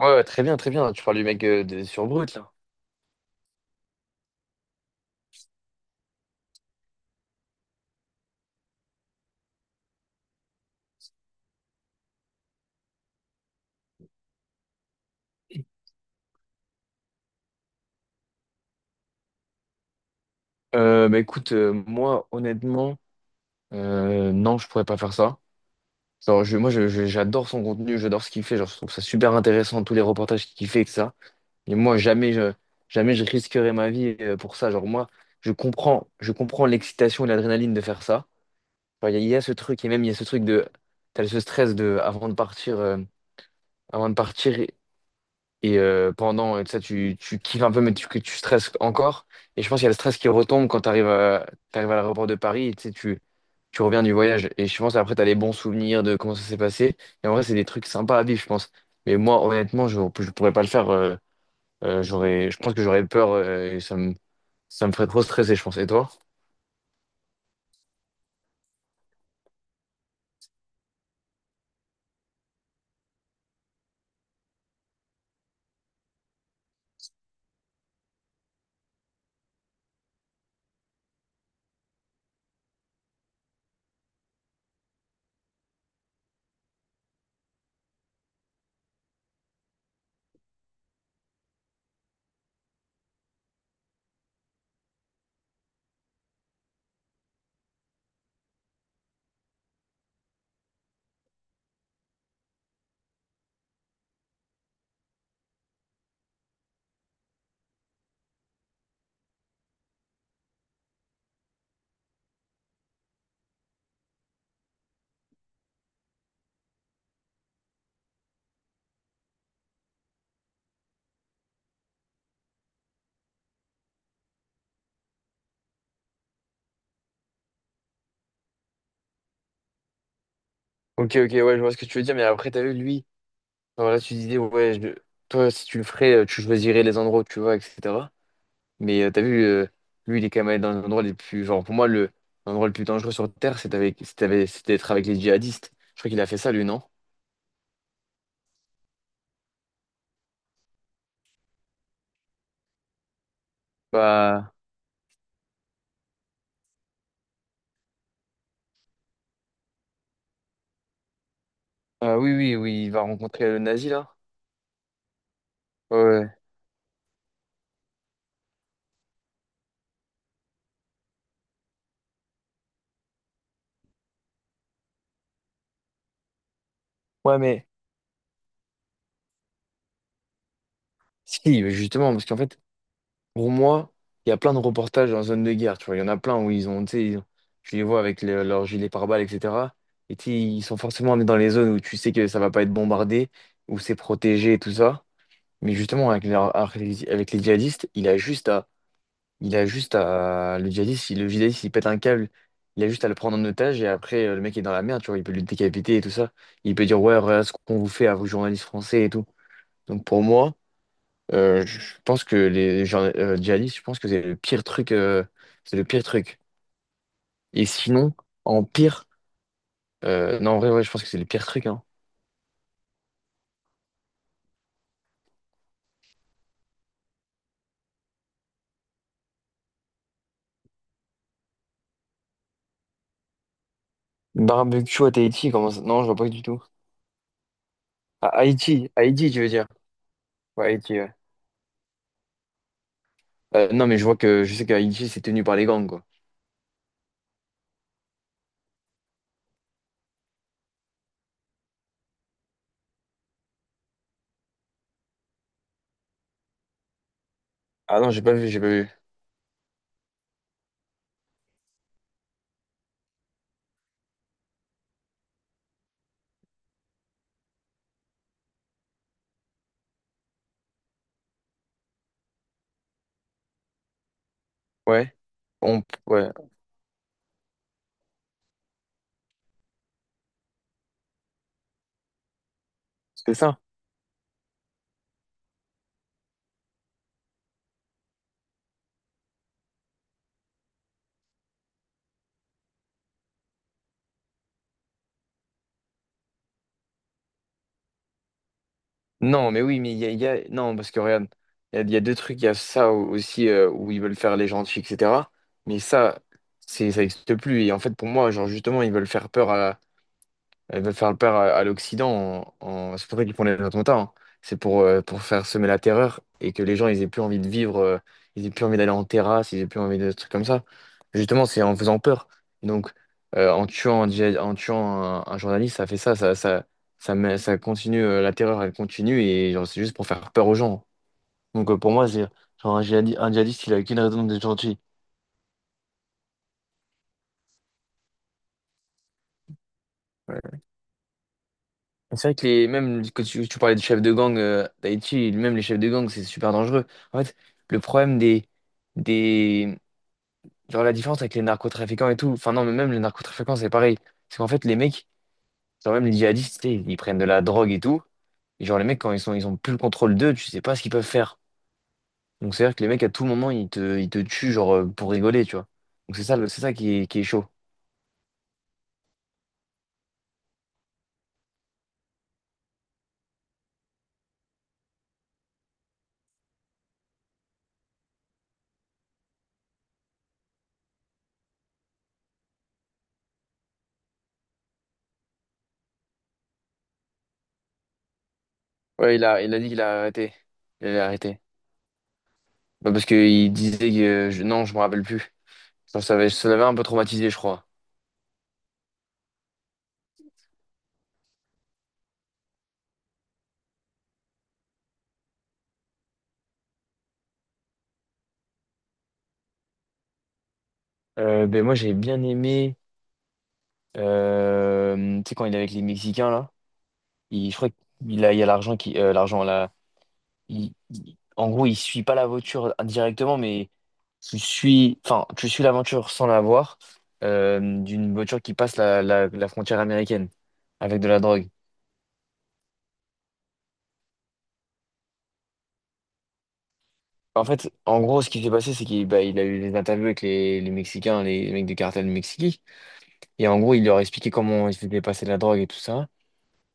Ouais, ouais, très bien, très bien. Tu parles du mec sur Brut, là. Bah écoute, moi, honnêtement, non, je pourrais pas faire ça. Genre, moi, j'adore son contenu, j'adore ce qu'il fait. Genre, je trouve ça super intéressant, tous les reportages qu'il fait, et ça. Et moi, jamais je risquerais ma vie pour ça. Genre, moi, je comprends l'excitation et l'adrénaline de faire ça. Genre, il y a ce truc, et même il y a ce truc de. T'as ce stress de, avant de partir. Et pendant, ça, tu kiffes un peu, mais que tu stresses encore. Et je pense qu'il y a le stress qui retombe quand t'arrives à l'aéroport de Paris et tu sais, tu reviens du voyage. Et je pense après, tu as les bons souvenirs de comment ça s'est passé. Et en vrai, c'est des trucs sympas à vivre, je pense. Mais moi, honnêtement, je ne pourrais pas le faire. Je pense que j'aurais peur et ça me ferait trop stresser, je pense. Et toi? Ok, ok, ouais, je vois ce que tu veux dire. Mais après, t'as vu, lui, voilà, tu disais, ouais, toi, si tu le ferais, tu choisirais les endroits où tu vas, etc. Mais t'as vu, lui, il est quand même allé dans l'endroit les plus. Genre, pour moi, le l'endroit le plus dangereux sur Terre, c'est avec, c'est d'être avec les djihadistes. Je crois qu'il a fait ça, lui, non? Bah, ah oui, oui, oui, il va rencontrer le nazi, là. Ouais. Ouais, ouais, mais si, justement, parce qu'en fait, pour moi, il y a plein de reportages en zone de guerre, tu vois. Il y en a plein où ils ont, tu sais, tu les vois avec leurs gilets pare-balles, etc. Et tu sais, ils sont forcément dans les zones où tu sais que ça va pas être bombardé, où c'est protégé et tout ça. Mais justement, avec les djihadistes, il a juste à Il a juste à. Le djihadiste, si le djihadiste il pète un câble, il a juste à le prendre en otage et après le mec est dans la merde, tu vois, il peut le décapiter et tout ça. Il peut dire ouais, regarde ce qu'on vous fait à vous journalistes français et tout. Donc pour moi, je pense que les djihadistes, je pense que c'est le pire truc. C'est le pire truc. Et sinon, en pire. Non, en vrai, ouais, je pense que c'est le pire truc. Hein. Barbecue à Tahiti, comment ça? Non, je vois pas du tout. À Haïti, Haïti, tu veux dire? Ouais, Haïti, ouais. Non, mais je vois que je sais qu'à Haïti, c'est tenu par les gangs, quoi. Ah non, j'ai pas vu, j'ai pas vu. Ouais. On... Ouais. C'est ça. Non, mais oui, mais non, parce que regarde, il y a deux trucs. Il y a ça aussi où ils veulent faire les gentils, etc. Mais ça, ça n'existe plus. Et en fait, pour moi, genre, justement, ils veulent faire le peur à l'Occident. C'est pour ça qu'ils font les attentats. Hein. C'est pour faire semer la terreur et que les gens ils aient plus envie de vivre, ils aient plus envie d'aller en terrasse, ils aient plus envie de trucs comme ça. Justement, c'est en faisant peur. Donc, en tuant un, journaliste, ça fait ça, ça continue, la terreur, elle continue et genre, c'est juste pour faire peur aux gens. Donc, pour moi, c'est genre un djihadiste, il a qu'une raison d'être gentil. C'est vrai que même quand tu parlais de chefs de gang d'Haïti, même les chefs de gang, c'est super dangereux. En fait, le problème des, genre la différence avec les narcotrafiquants et tout, enfin non, mais même les narcotrafiquants, c'est pareil. C'est qu'en fait, les mecs, genre même les djihadistes, tu sais, ils prennent de la drogue et tout. Et genre, les mecs, quand ils ont plus le contrôle d'eux, tu sais pas ce qu'ils peuvent faire. Donc, c'est-à-dire que les mecs, à tout moment, ils te tuent, genre, pour rigoler, tu vois. Donc, c'est ça, c'est ça qui est chaud. Ouais, il a dit qu'il a arrêté. Il a arrêté. Bah, parce qu'il disait que, non, je me rappelle plus. Ça l'avait un peu traumatisé, je crois. Ben moi, j'ai bien aimé. Tu sais, quand il est avec les Mexicains, là, je crois il y a l'argent qui. L'argent, là. En gros, il suit pas la voiture directement, mais tu suis. Enfin, tu suis l'aventure sans la voir d'une voiture qui passe la frontière américaine avec de la drogue. En fait, en gros, ce qui s'est passé, c'est qu'il bah, il a eu des interviews avec les Mexicains, les mecs du cartel du Mexique. Et en gros, il leur a expliqué comment ils se faisaient passer de la drogue et tout ça.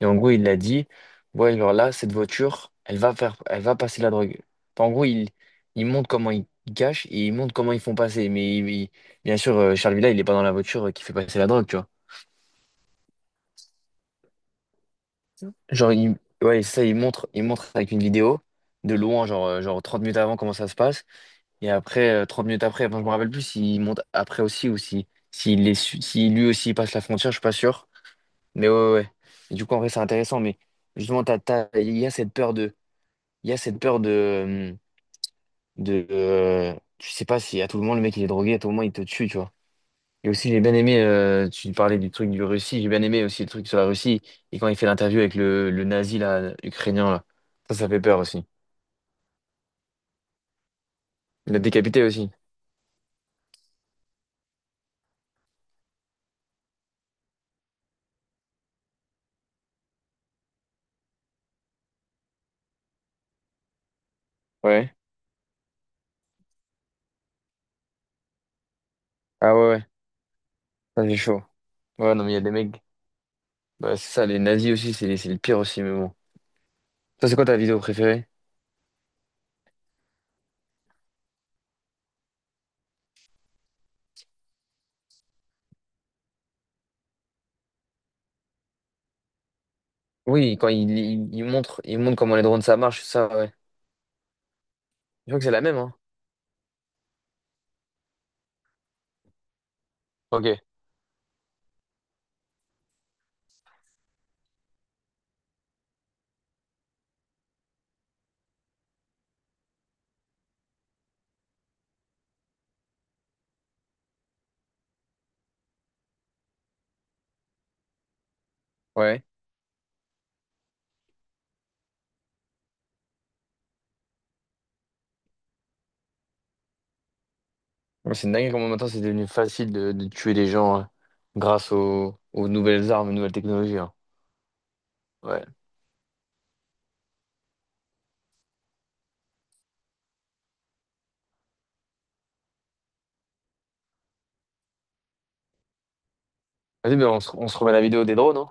Et en gros, il a dit, ouais, alors là, cette voiture, elle va passer la drogue. Enfin, en gros, il montre comment ils cachent et il montre comment ils font passer. Mais bien sûr, Charles Villa, il est pas dans la voiture qui fait passer la drogue, tu vois. Genre, ouais, c'est ça, il montre avec une vidéo de loin, genre, genre 30 minutes avant comment ça se passe. Et après, 30 minutes après, enfin, je me rappelle plus s'il monte après aussi ou si, s'il est, su- si lui aussi il passe la frontière, je suis pas sûr. Mais ouais, ouais. Et du coup, en vrai, c'est intéressant. Mais justement, Il y a cette peur de, tu sais pas si à tout le moment le mec il est drogué, à tout le moment il te tue, tu vois. Et aussi j'ai bien aimé, tu parlais du truc du Russie, j'ai bien aimé aussi le truc sur la Russie et quand il fait l'interview avec le nazi là, ukrainien là, ça fait peur aussi. Il l'a décapité aussi. Ouais. Ah ouais, ouais. Ça c'est chaud. Ouais non mais il y a des mecs, bah, c'est ça, les nazis aussi c'est le pire aussi mais bon. Ça c'est quoi ta vidéo préférée? Oui, quand il montre comment les drones ça marche, ça, ouais. Je crois que c'est la même hein. Ok. Ouais. Ouais, c'est dingue comment maintenant c'est devenu facile de tuer les gens hein, grâce aux nouvelles armes, aux nouvelles technologies. Hein. Ouais. Vas-y, mais on se remet la vidéo des drones. Hein.